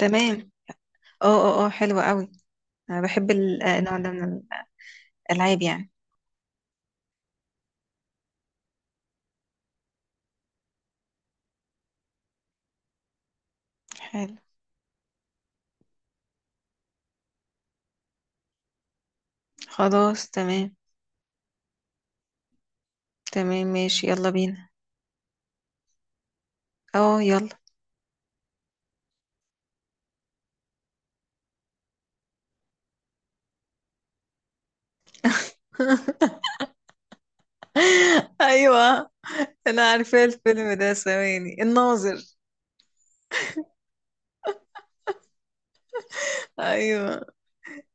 تمام. اه حلوة قوي. انا بحب النوع ده من الالعاب يعني. حلو. خلاص تمام. تمام ماشي، يلا بينا. اه يلا. ايوه، انا عارفه الفيلم ده، ثواني، الناظر. ايوه.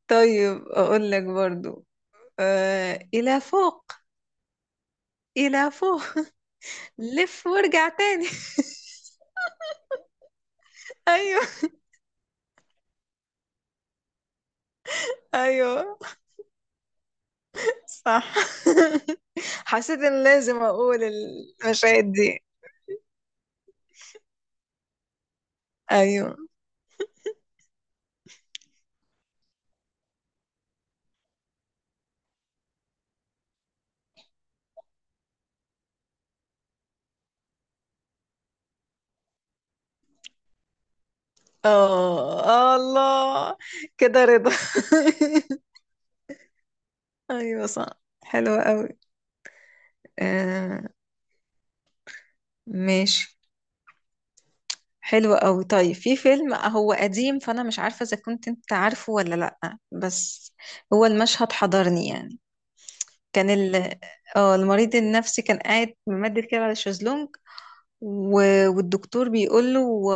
طيب اقول لك برضو. آه، الى فوق. الى فوق. لف وارجع تاني. ايوه ايوه صح. حسيت ان لازم اقول المشاهد دي. ايوه. اه الله. كده رضا. ايوه صح. حلوة قوي. آه ماشي. حلوة قوي. طيب في فيلم هو قديم، فانا مش عارفة اذا كنت انت عارفه ولا لا، بس هو المشهد حضرني يعني. كان اه المريض النفسي كان قاعد ممدد كده على الشезлونج و... والدكتور بيقول له،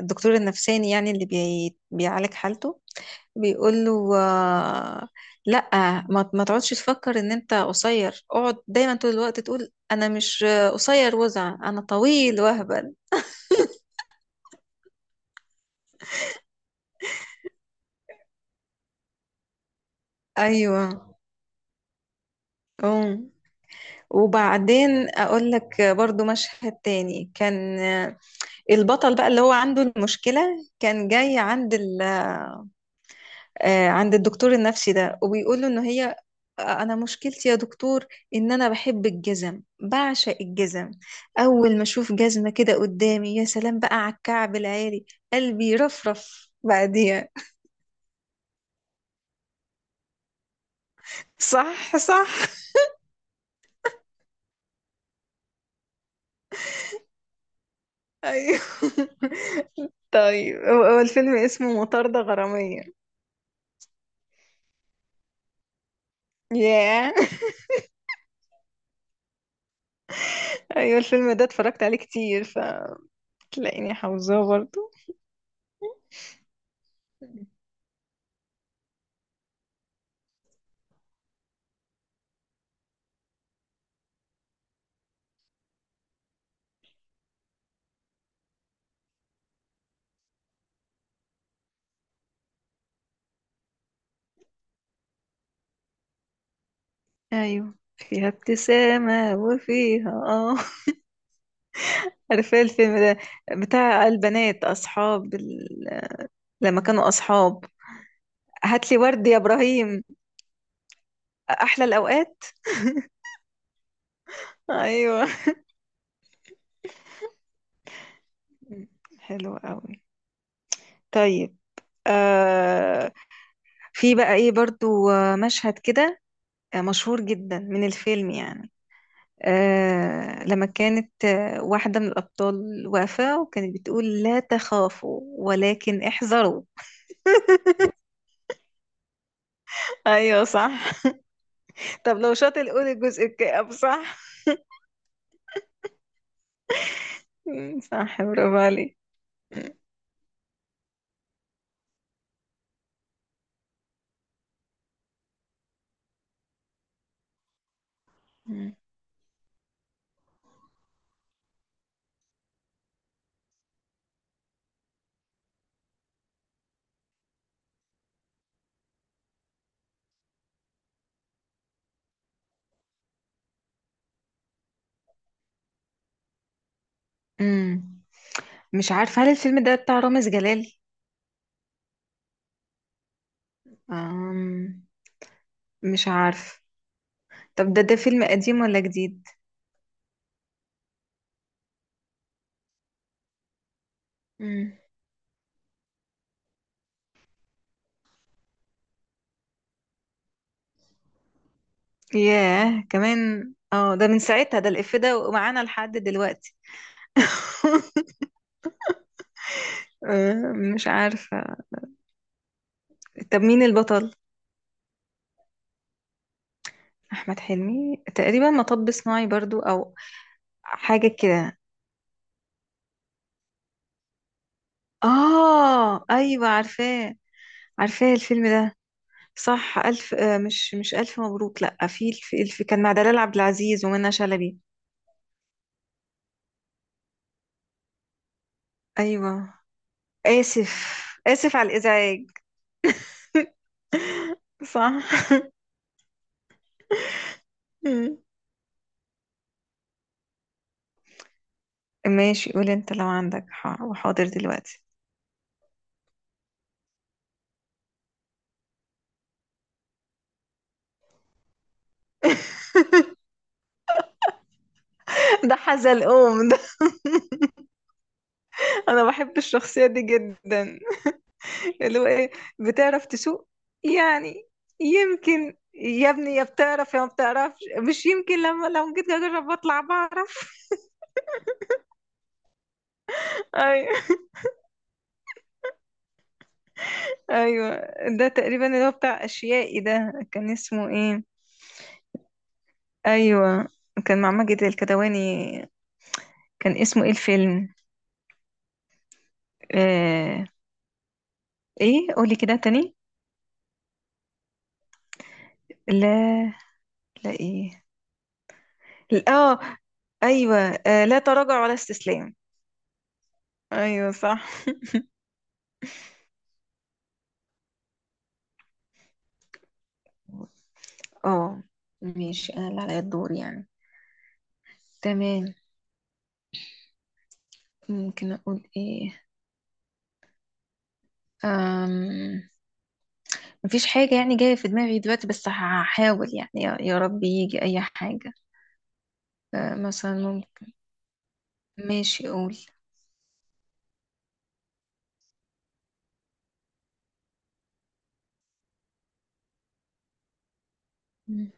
الدكتور النفساني يعني اللي بيعالج حالته، بيقول له لا، ما تقعدش تفكر ان انت قصير، اقعد دايما طول الوقت تقول انا مش قصير، وزع انا طويل وهبل. ايوه. أم. وبعدين اقول لك برضو مشهد تاني كان البطل بقى اللي هو عنده المشكلة، كان جاي عند ال عند الدكتور النفسي ده، وبيقول له ان هي، انا مشكلتي يا دكتور ان انا بحب الجزم، بعشق الجزم، اول ما اشوف جزمة كده قدامي يا سلام بقى على الكعب العالي، قلبي يرفرف بعديها. صح صح. ايوه. طيب هو الفيلم اسمه مطاردة غرامية. ياه. ايوه الفيلم ده اتفرجت عليه كتير، فتلاقيني حافظاه برضه. ايوه فيها ابتسامة وفيها. عارفة إيه الفيلم ده؟ بتاع البنات أصحاب لما كانوا أصحاب. هاتلي ورد يا إبراهيم. أحلى الأوقات. أيوة. حلو قوي. طيب. آه. في بقى إيه برضو مشهد كده مشهور جدا من الفيلم يعني. آه لما كانت واحدة من الأبطال واقفة وكانت بتقول لا تخافوا ولكن احذروا. أيوة صح. طب لو شاطر قول الجزء الكئيب. صح. مم، صح، برافو عليك. امم. مش عارفة هل الفيلم ده بتاع رامز جلال؟ أم... مش عارف. طب ده فيلم قديم ولا جديد؟ امم. ياه، كمان. اه ده من ساعتها، ده الإف ده ومعانا لحد دلوقتي. مش عارفة. طب مين البطل؟ أحمد حلمي. تقريبا مطب صناعي برضو، أو حاجة كده. آه أيوة عارفاه. عارفاه الفيلم ده. صح، ألف مش ألف مبروك، لأ، في الف كان مع دلال عبد العزيز ومنى شلبي. أيوة. آسف. آسف على الإزعاج. صح. مم. ماشي قول انت لو عندك وحاضر دلوقتي. ده حزلقوم ده. انا بحب الشخصية دي جدا. اللي هو ايه، بتعرف تسوق يعني. يمكن يا ابني يا بتعرف يا ما بتعرفش. مش يمكن، لما لو جيت اجرب اطلع بعرف. ايوه ايوه. ده تقريبا اللي هو بتاع اشيائي ده، كان اسمه ايه؟ ايوه كان مع ماجد الكدواني، كان اسمه ايه الفيلم؟ آه... ايه قولي كده تاني. لا. لا ايه. اه، ايوه آه، لا تراجع ولا استسلام. ايوه صح. اه ماشي، انا اللي عليا الدور يعني. تمام. ممكن اقول ايه؟ أم... مفيش حاجة يعني جاية في دماغي دلوقتي، بس هحاول يعني، يا رب يجي أي حاجة. أه مثلا ممكن. ماشي قول. مم.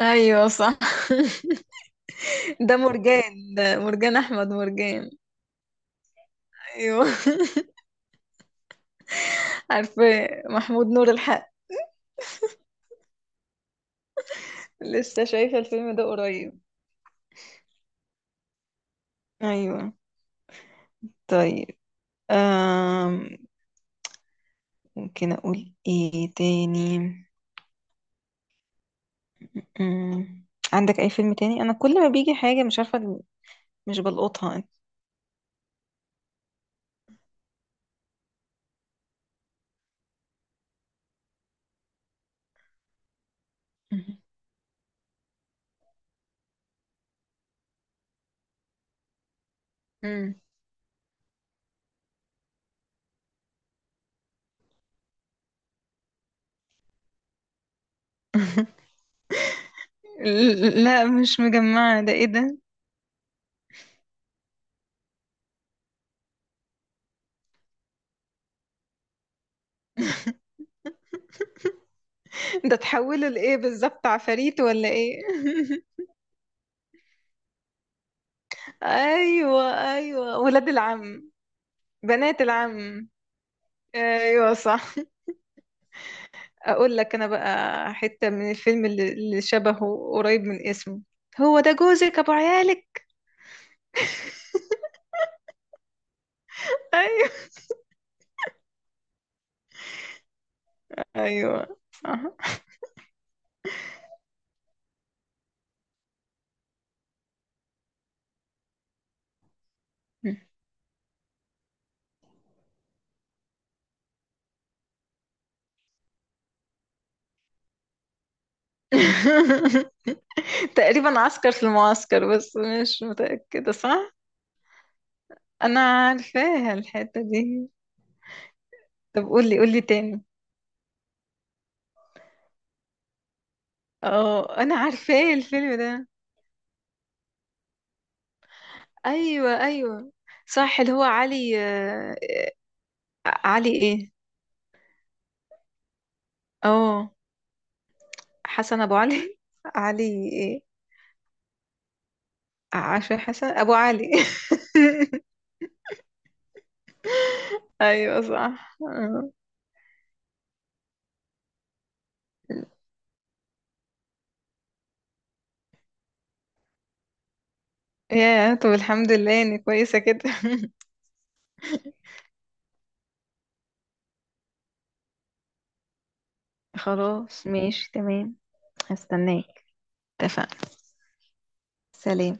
أيوة صح. ده مرجان، ده مرجان أحمد مرجان. أيوة. عارفة، محمود نور الحق. لسه شايفة الفيلم ده قريب. أيوة. طيب. أم... ممكن أقول إيه تاني؟ أم... عندك أي فيلم تاني؟ أنا كل ما بيجي حاجة مش عارفة، مش بلقطها. أمم. لا مش مجمعة، ده إيه ده؟ ده تحوله لإيه بالظبط، عفاريت ولا إيه؟ أيوة. أيوة ولاد العم. بنات العم. أيوة صح. اقول لك انا بقى، حتة من الفيلم اللي شبهه قريب من اسمه. هو ده جوزك ابو عيالك. ايوه ايوه صح. تقريبا عسكر في المعسكر، بس مش متأكدة. صح. انا عارفاها الحتة دي. طب قولي، قولي تاني. اه انا عارفاه الفيلم ده. ايوه ايوه صح. اللي هو علي علي ايه. اه. حسن ابو علي. علي إيه؟ عشري حسن ابو علي. ايوه صح يا طب الحمد لله اني كويسه كده. خلاص ماشي تمام. هستناك. اتفقنا. سلام.